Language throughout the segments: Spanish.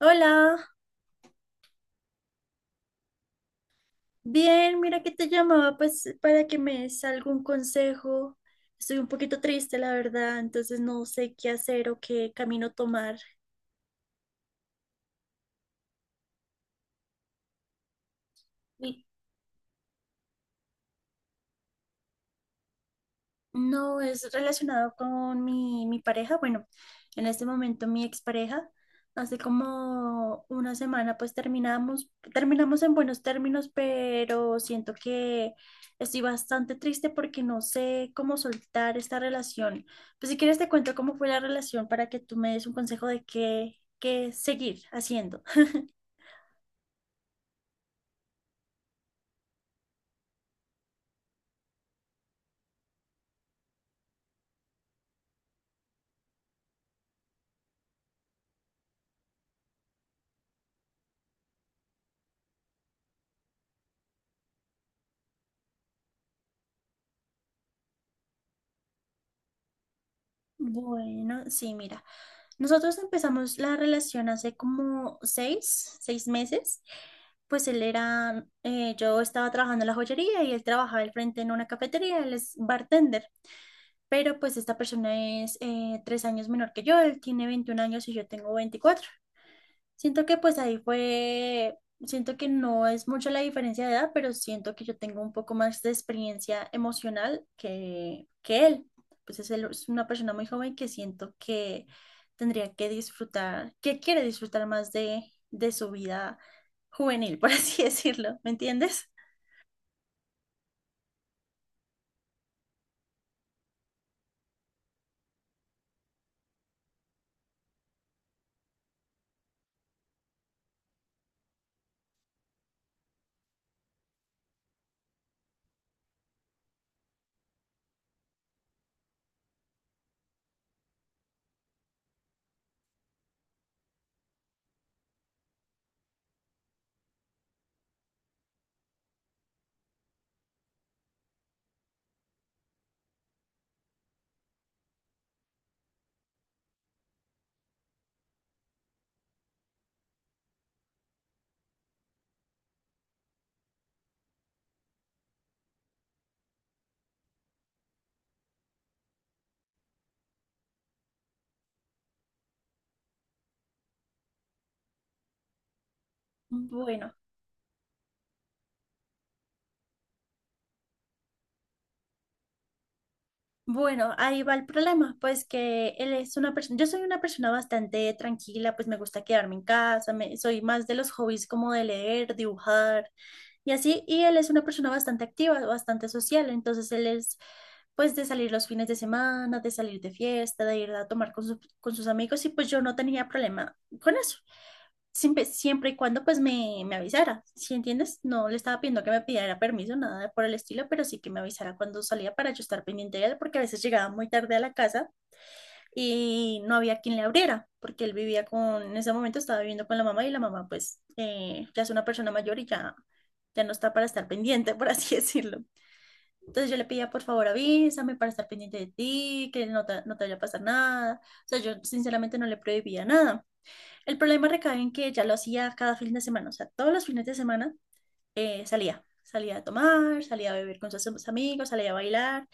Hola, bien, mira que te llamaba pues para que me des algún consejo. Estoy un poquito triste, la verdad, entonces no sé qué hacer o qué camino tomar. No es relacionado con mi pareja. Bueno, en este momento mi expareja. Hace como una semana pues terminamos en buenos términos, pero siento que estoy bastante triste porque no sé cómo soltar esta relación. Pues si quieres te cuento cómo fue la relación para que tú me des un consejo de qué seguir haciendo. Bueno, sí, mira. Nosotros empezamos la relación hace como seis meses. Yo estaba trabajando en la joyería y él trabajaba al frente en una cafetería, él es bartender, pero pues esta persona es 3 años menor que yo, él tiene 21 años y yo tengo 24. Siento que pues ahí fue, siento que no es mucho la diferencia de edad, pero siento que yo tengo un poco más de experiencia emocional que él. Él es una persona muy joven que siento que tendría que disfrutar, que quiere disfrutar más de su vida juvenil, por así decirlo, ¿me entiendes? Bueno. Bueno, ahí va el problema, pues que él es una persona, yo soy una persona bastante tranquila, pues me gusta quedarme en casa, soy más de los hobbies como de leer, dibujar y así, y él es una persona bastante activa, bastante social, entonces él es pues de salir los fines de semana, de salir de fiesta, de ir a tomar con sus amigos y pues yo no tenía problema con eso siempre y cuando pues me avisara, ¿sí entiendes? No le estaba pidiendo que me pidiera permiso, nada de por el estilo, pero sí que me avisara cuando salía para yo estar pendiente de él, porque a veces llegaba muy tarde a la casa y no había quien le abriera, porque él vivía en ese momento estaba viviendo con la mamá y la mamá pues ya es una persona mayor y ya no está para estar pendiente, por así decirlo. Entonces yo le pedía, por favor, avísame para estar pendiente de ti, que no te vaya a pasar nada. O sea, yo sinceramente no le prohibía nada el problema recae en que ya lo hacía cada fin de semana, o sea, todos los fines de semana salía a tomar, salía a beber con sus amigos, salía a bailar.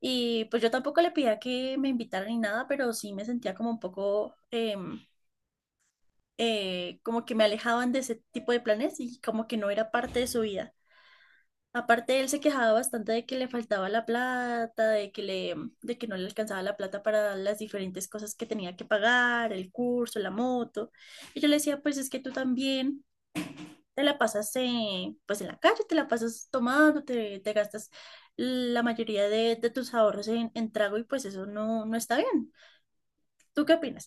Y pues yo tampoco le pedía que me invitaran ni nada, pero sí me sentía como un poco, como que me alejaban de ese tipo de planes y como que no era parte de su vida. Aparte, él se quejaba bastante de que le faltaba la plata, de que no le alcanzaba la plata para las diferentes cosas que tenía que pagar, el curso, la moto. Y yo le decía, pues es que tú también te la pasas pues en la calle, te la pasas tomando, te gastas la mayoría de tus ahorros en trago y pues eso no, no está bien. ¿Tú qué opinas?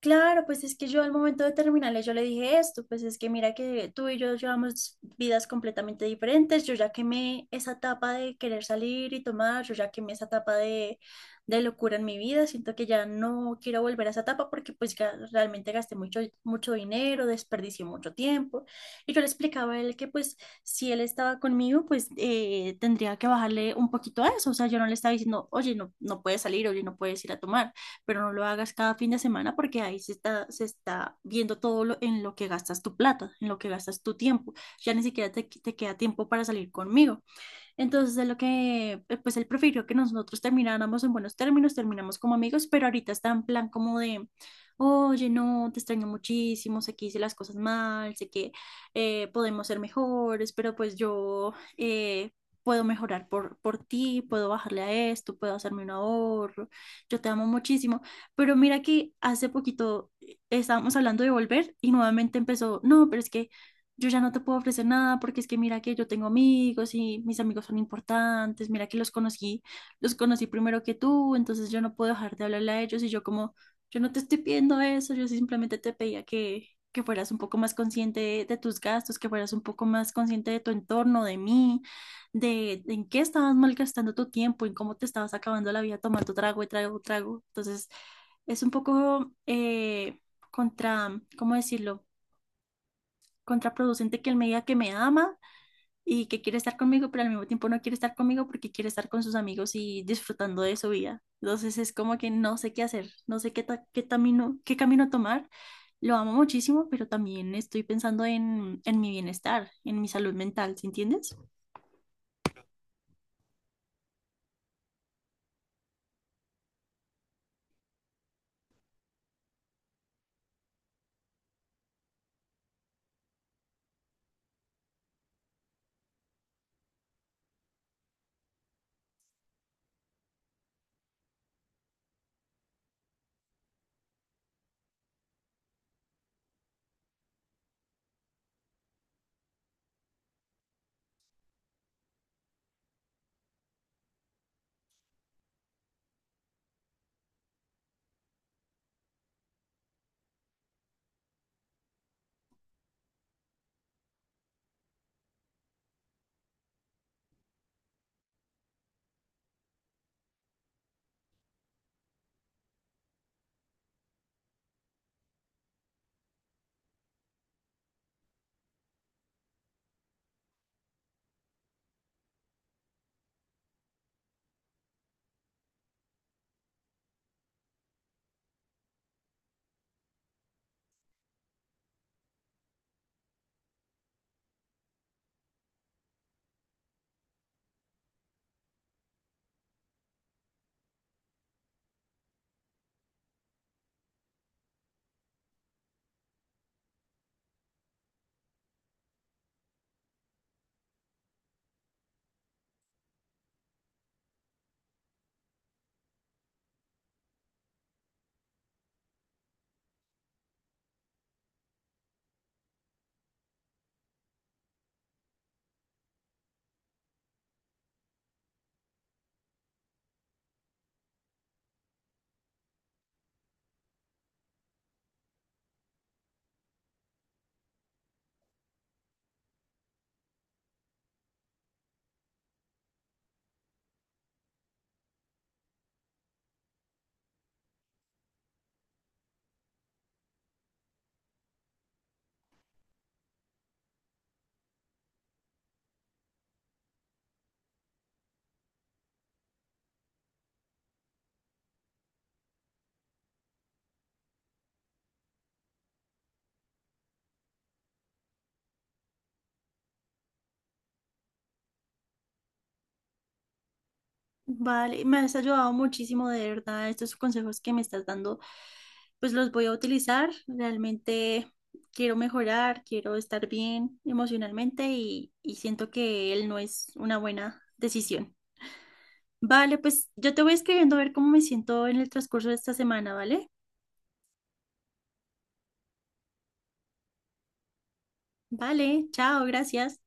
Claro, pues es que yo al momento de terminarle yo le dije esto, pues es que mira que tú y yo llevamos vidas completamente diferentes, yo ya quemé esa etapa de querer salir y tomar, yo ya quemé esa etapa de locura en mi vida, siento que ya no quiero volver a esa etapa porque pues realmente gasté mucho, mucho dinero, desperdicié mucho tiempo y yo le explicaba a él que pues si él estaba conmigo pues tendría que bajarle un poquito a eso, o sea, yo no le estaba diciendo, oye, no, no puedes salir, oye, no puedes ir a tomar pero no lo hagas cada fin de semana porque ahí se está viendo en lo que gastas tu plata, en lo que gastas tu tiempo. Ya ni siquiera te queda tiempo para salir conmigo. Entonces, pues él prefirió que nosotros termináramos en buenos términos, terminamos como amigos, pero ahorita está en plan como de, oye, no, te extraño muchísimo, sé que hice las cosas mal, sé que podemos ser mejores, pero pues yo puedo mejorar por ti, puedo bajarle a esto, puedo hacerme un ahorro, yo te amo muchísimo. Pero mira que hace poquito estábamos hablando de volver y nuevamente empezó, no, pero es que yo ya no te puedo ofrecer nada porque es que mira que yo tengo amigos y mis amigos son importantes, mira que los conocí, primero que tú, entonces yo no puedo dejar de hablarle a ellos y yo como, yo no te estoy pidiendo eso, yo simplemente te pedía que fueras un poco más consciente de tus gastos, que fueras un poco más consciente de tu entorno, de mí, de en qué estabas malgastando tu tiempo, en cómo te estabas acabando la vida tomando trago y trago, trago. Entonces, es un poco contra, ¿cómo decirlo? Contraproducente que él me diga que me ama y que quiere estar conmigo, pero al mismo tiempo no quiere estar conmigo porque quiere estar con sus amigos y disfrutando de su vida. Entonces es como que no sé qué hacer, no sé qué camino tomar. Lo amo muchísimo, pero también estoy pensando en mi bienestar, en mi salud mental, ¿sí entiendes? Vale, me has ayudado muchísimo, de verdad. Estos consejos que me estás dando, pues los voy a utilizar. Realmente quiero mejorar, quiero estar bien emocionalmente y siento que él no es una buena decisión. Vale, pues yo te voy escribiendo a ver cómo me siento en el transcurso de esta semana, ¿vale? Vale, chao, gracias.